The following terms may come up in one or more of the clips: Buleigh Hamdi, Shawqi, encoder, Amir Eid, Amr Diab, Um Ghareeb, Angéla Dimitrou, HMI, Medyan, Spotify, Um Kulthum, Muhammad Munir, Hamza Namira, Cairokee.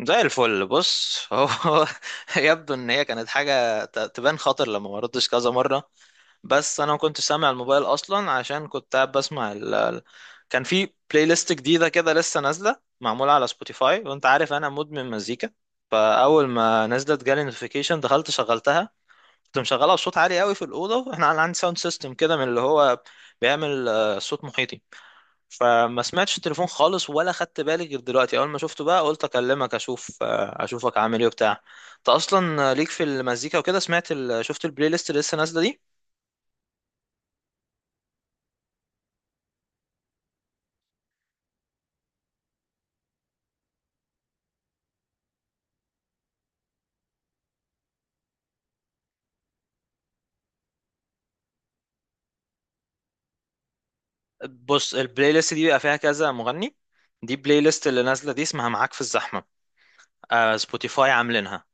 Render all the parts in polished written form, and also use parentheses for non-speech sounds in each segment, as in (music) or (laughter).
زي الفل. بص، هو (laughs) يبدو ان هي كانت حاجه تبان خطر لما ما ردش كذا مره. بس انا ما كنتش سامع الموبايل اصلا عشان كنت قاعد بسمع كان في بلاي ليست جديده كده لسه نازله معموله على سبوتيفاي، وانت عارف انا مدمن مزيكا. فاول ما نزلت جالي نوتيفيكيشن دخلت شغلتها. كنت مشغلها بصوت عالي قوي في الاوضه، احنا عندي ساوند سيستم كده من اللي هو بيعمل صوت محيطي. فما سمعتش التليفون خالص ولا خدت بالي غير دلوقتي. اول ما شفته بقى قلت اكلمك اشوف اشوفك عامل ايه وبتاع. انت اصلا ليك في المزيكا وكده. سمعت شفت البلاي ليست اللي لسه نازله دي. بص، البلاي ليست دي بيبقى فيها كذا مغني. دي بلاي ليست اللي نازله دي اسمها معاك في الزحمه. آه سبوتيفاي عاملينها.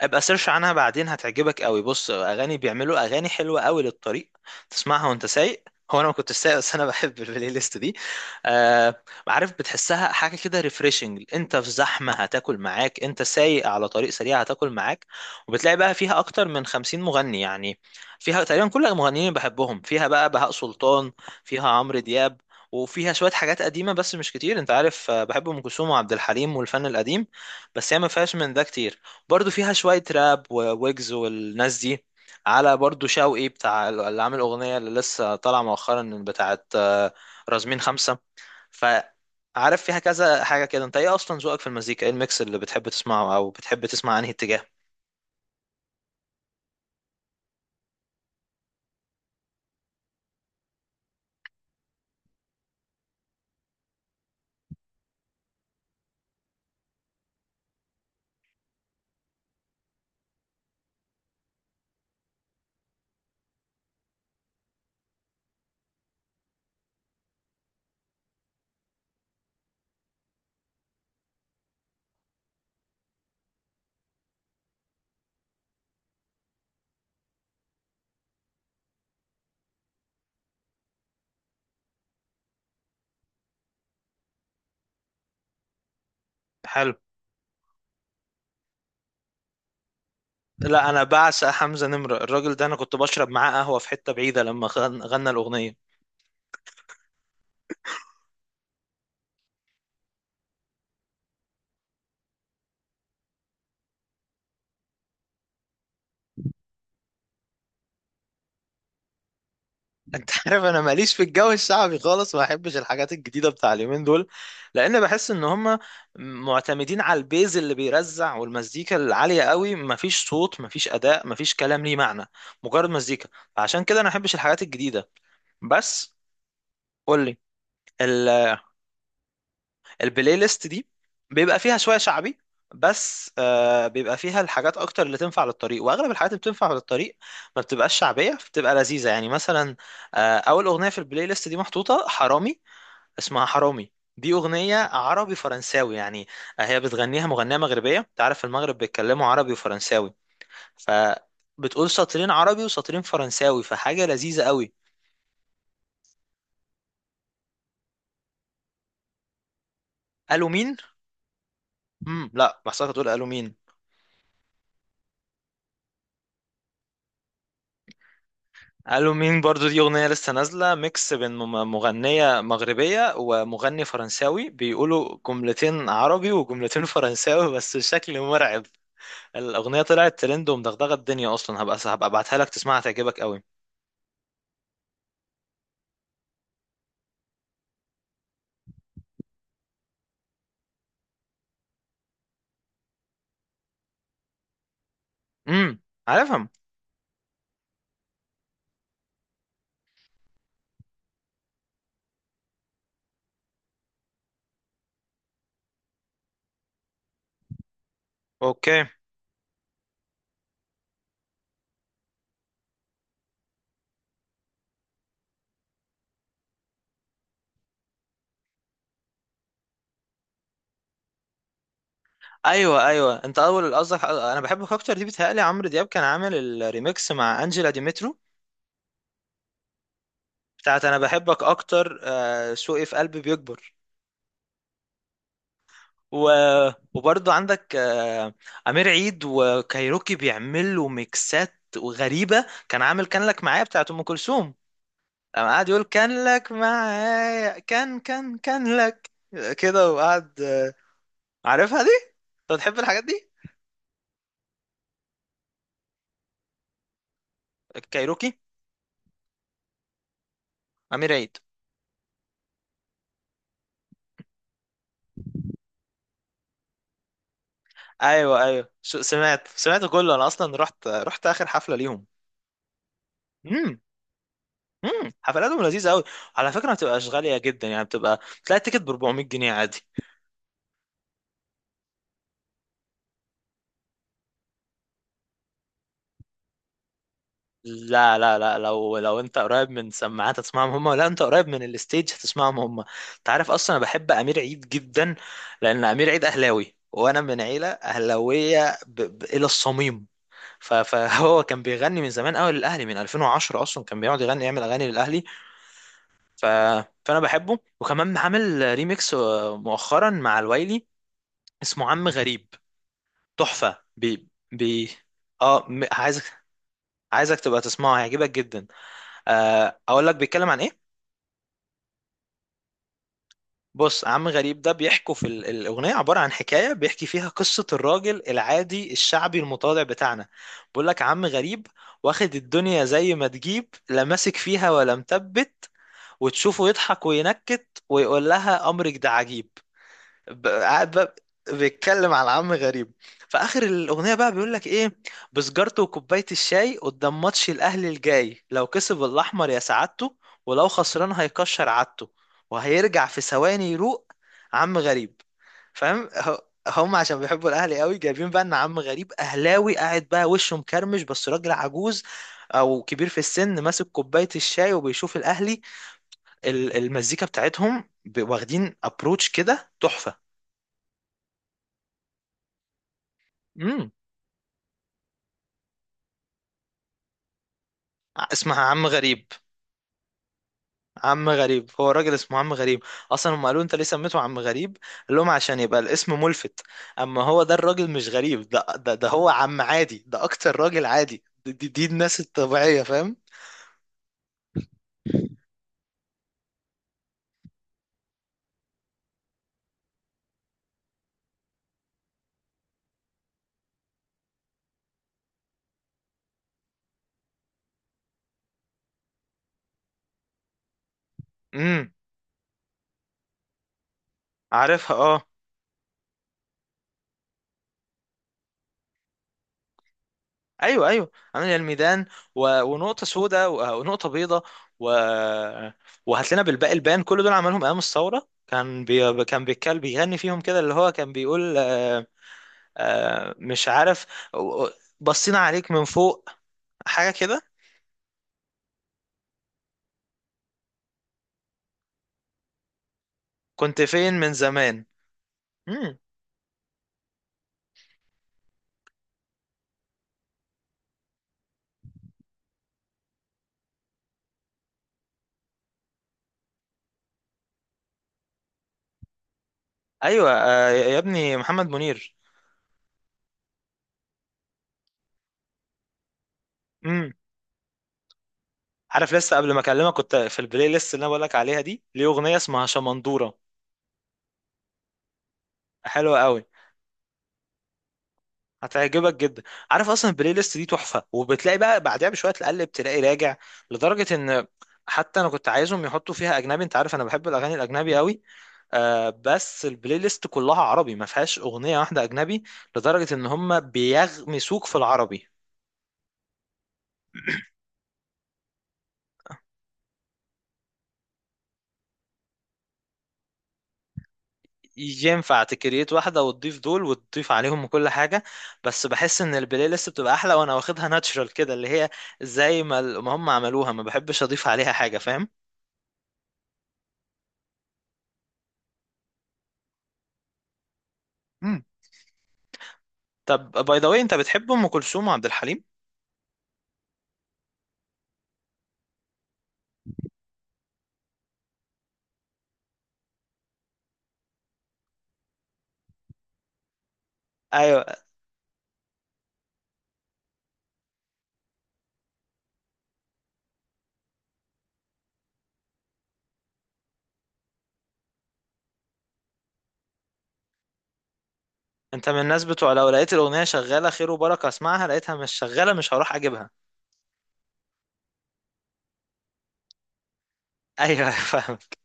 ابقى سيرش عنها بعدين هتعجبك قوي. بص، اغاني بيعملوا اغاني حلوه قوي للطريق تسمعها وانت سايق. (laughs) هو انا ما كنتش سايق بس انا بحب البلاي ليست دي. آه عارف، بتحسها حاجه كده ريفريشنج. انت في زحمه هتاكل معاك، انت سايق على طريق سريع هتاكل معاك. وبتلاقي بقى فيها اكتر من 50 مغني يعني. فيها تقريبا كل المغنيين اللي بحبهم، فيها بقى بهاء سلطان، فيها عمرو دياب، وفيها شويه حاجات قديمه بس مش كتير. انت عارف بحب ام كلثوم وعبد الحليم والفن القديم، بس هي ما فيهاش من ده كتير. برضو فيها شوية راب وويجز والناس دي. على برضو شوقي بتاع اللي عامل أغنية اللي لسه طالعة مؤخرا بتاعت رازمين خمسة. فعارف فيها كذا حاجة كده. انت ايه أصلا ذوقك في المزيكا؟ ايه الميكس اللي بتحب تسمعه أو بتحب تسمع أنهي اتجاه؟ حلو. لا، أنا بعشق حمزة نمرة. الراجل ده أنا كنت بشرب معاه قهوة في حتة بعيدة لما غنى الأغنية. انت عارف انا ماليش في الجو الشعبي خالص، ما احبش الحاجات الجديده بتاع اليومين دول. لان بحس ان هم معتمدين على البيز اللي بيرزع والمزيكا العاليه قوي. مفيش صوت، مفيش اداء، مفيش كلام ليه معنى، مجرد مزيكا. عشان كده انا ما احبش الحاجات الجديده. بس قول لي. البلاي ليست دي بيبقى فيها شويه شعبي بس، آه بيبقى فيها الحاجات اكتر اللي تنفع للطريق، واغلب الحاجات اللي بتنفع للطريق ما بتبقاش شعبيه، بتبقى لذيذه. يعني مثلا آه اول اغنيه في البلاي ليست دي محطوطه حرامي. اسمها حرامي. دي اغنيه عربي فرنساوي يعني، هي بتغنيها مغنيه مغربيه. انت عارف المغرب بيتكلموا عربي وفرنساوي. ف بتقول سطرين عربي وسطرين فرنساوي، فحاجه لذيذه قوي. قالوا مين؟ لا بحسك تقول قالوا مين. قالوا مين برضو دي أغنية لسه نازلة ميكس بين مغنية مغربية ومغني فرنساوي بيقولوا جملتين عربي وجملتين (laughs) فرنساوي. بس الشكل مرعب. الأغنية طلعت ترند ومدغدغة الدنيا أصلا. هبقى أبعتها لك تسمعها تعجبك قوي. امم، عارفهم. اوكي. ايوه ايوه، انت اول قصدك انا بحبك اكتر دي. بتهيألي عمرو دياب كان عامل الريميكس مع انجيلا ديمترو بتاعت انا بحبك اكتر شوقي في قلبي بيكبر. و... وبرضه عندك أمير عيد وكايروكي بيعملوا ميكسات غريبة. كان عامل كان لك معايا بتاعت أم كلثوم. قام قاعد يقول كان لك معايا كان كان كان لك كده، وقعد عارفها دي؟ أنت بتحب الحاجات دي؟ كايروكي. أمير عيد. أيوه أيوه، سمعت كله. أنا أصلا رحت آخر حفلة ليهم. امم. امم، حفلاتهم لذيذة أوي. على فكرة ما بتبقاش غالية جدا، يعني بتبقى تلاقي التيكت ب 400 جنيه عادي. لا لا لا، لو انت قريب من سماعات هتسمعهم هم، ولا انت قريب من الستيج هتسمعهم هم. انت عارف اصلا انا بحب امير عيد جدا. لان امير عيد اهلاوي، وانا من عيله اهلاويه الى الصميم. فهو (laughs) كان بيغني من زمان قوي للاهلي من 2010. اصلا كان بيقعد يغني يعمل اغاني للاهلي. ف... فانا بحبه، وكمان عامل ريميكس مؤخرا مع الويلي اسمه عم غريب. تحفه اه عايزك. عايزك تبقى تسمعه هيعجبك جدا. اقول لك بيتكلم عن ايه. بص، عم غريب ده بيحكوا في الاغنيه عباره عن حكايه بيحكي فيها قصه الراجل العادي الشعبي المتواضع بتاعنا. بيقول لك عم غريب، واخد الدنيا زي ما تجيب، لا ماسك فيها ولا مثبت، وتشوفه يضحك وينكت ويقول لها امرك ده عجيب. قاعد بقى بيتكلم على عم غريب. في اخر الاغنيه بقى بيقول لك ايه؟ بسجارته وكوبايه الشاي قدام ماتش الاهلي الجاي، لو كسب الاحمر يا سعادته، ولو خسران هيكشر عادته، وهيرجع في ثواني يروق. عم غريب. فاهم؟ هم عشان بيحبوا الاهلي قوي جايبين بقى ان عم غريب اهلاوي قاعد بقى وشه مكرمش بس راجل عجوز او كبير في السن ماسك كوبايه الشاي وبيشوف الاهلي. المزيكا بتاعتهم واخدين ابروتش كده تحفه. مم. اسمها عم غريب. عم غريب هو الراجل اسمه عم غريب. اصلا هم قالوا انت ليه سميته عم غريب؟ قال لهم عشان يبقى الاسم ملفت. اما هو ده الراجل مش غريب، ده هو عم عادي، ده اكتر راجل عادي. دي الناس الطبيعية فاهم. امم، عارفها. اه ايوه ايوه عامل الميدان، ونقطة سوداء، ونقطة بيضاء، و... وهات لنا بالباقي البان. كل دول عملهم ايام الثورة. كان بيتكلم، بيغني فيهم كده اللي هو كان بيقول آه مش عارف. بصينا عليك من فوق حاجة كده. كنت فين من زمان. امم، ايوه آه يا ابني محمد منير. امم. عارف، لسه قبل ما اكلمك كنت في البلاي ليست اللي انا بقولك عليها دي ليه اغنية اسمها شمندورة. حلوة قوي. هتعجبك جدا. عارف اصلا البلاي ليست دي تحفة، وبتلاقي بقى بعدها بشوية تقلب تلاقي راجع لدرجة ان حتى انا كنت عايزهم يحطوا فيها اجنبي. انت عارف انا بحب الاغاني الاجنبي قوي، آه بس البلاي ليست كلها عربي ما فيهاش اغنيه واحده اجنبي. لدرجه ان هم بيغمسوك في العربي. ينفع تكريت واحده وتضيف دول وتضيف عليهم كل حاجه. بس بحس ان البلاي ليست بتبقى احلى وانا واخدها ناتشرال كده، اللي هي زي ما ما هم عملوها. ما بحبش اضيف عليها حاجه فاهم. مم. طب باي ذا واي، انت بتحب ام كلثوم وعبد الحليم؟ ايوه. انت من الناس بتوع لو لقيت الاغنيه شغاله خير وبركه اسمعها، لقيتها مش شغاله مش هروح اجيبها. ايوه (laughs) فاهمك.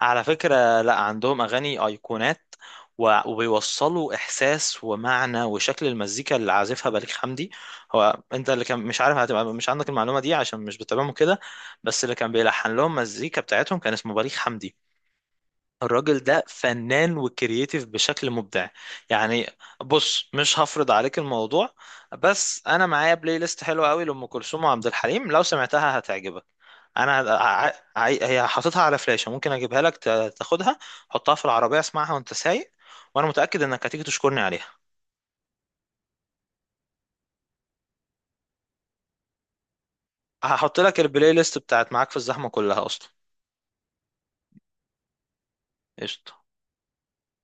على فكرة، لا، عندهم أغاني أيقونات، وبيوصلوا إحساس ومعنى وشكل. المزيكا اللي عازفها بليغ حمدي. هو أنت اللي كان مش عارف هتبقى مش عندك المعلومة دي عشان مش بتتابعهم كده. بس اللي كان بيلحن لهم مزيكا بتاعتهم كان اسمه بليغ حمدي. الراجل ده فنان وكرييتيف بشكل مبدع يعني. بص، مش هفرض عليك الموضوع، بس انا معايا بلاي ليست حلوه قوي لام كلثوم وعبد الحليم، لو سمعتها هتعجبك. انا هي حاططها على فلاشه، ممكن اجيبها لك تاخدها. حطها في العربيه اسمعها وانت سايق، وانا متاكد انك هتيجي تشكرني عليها. هحط لك البلاي ليست بتاعت معاك في الزحمه كلها اصلا. قشطه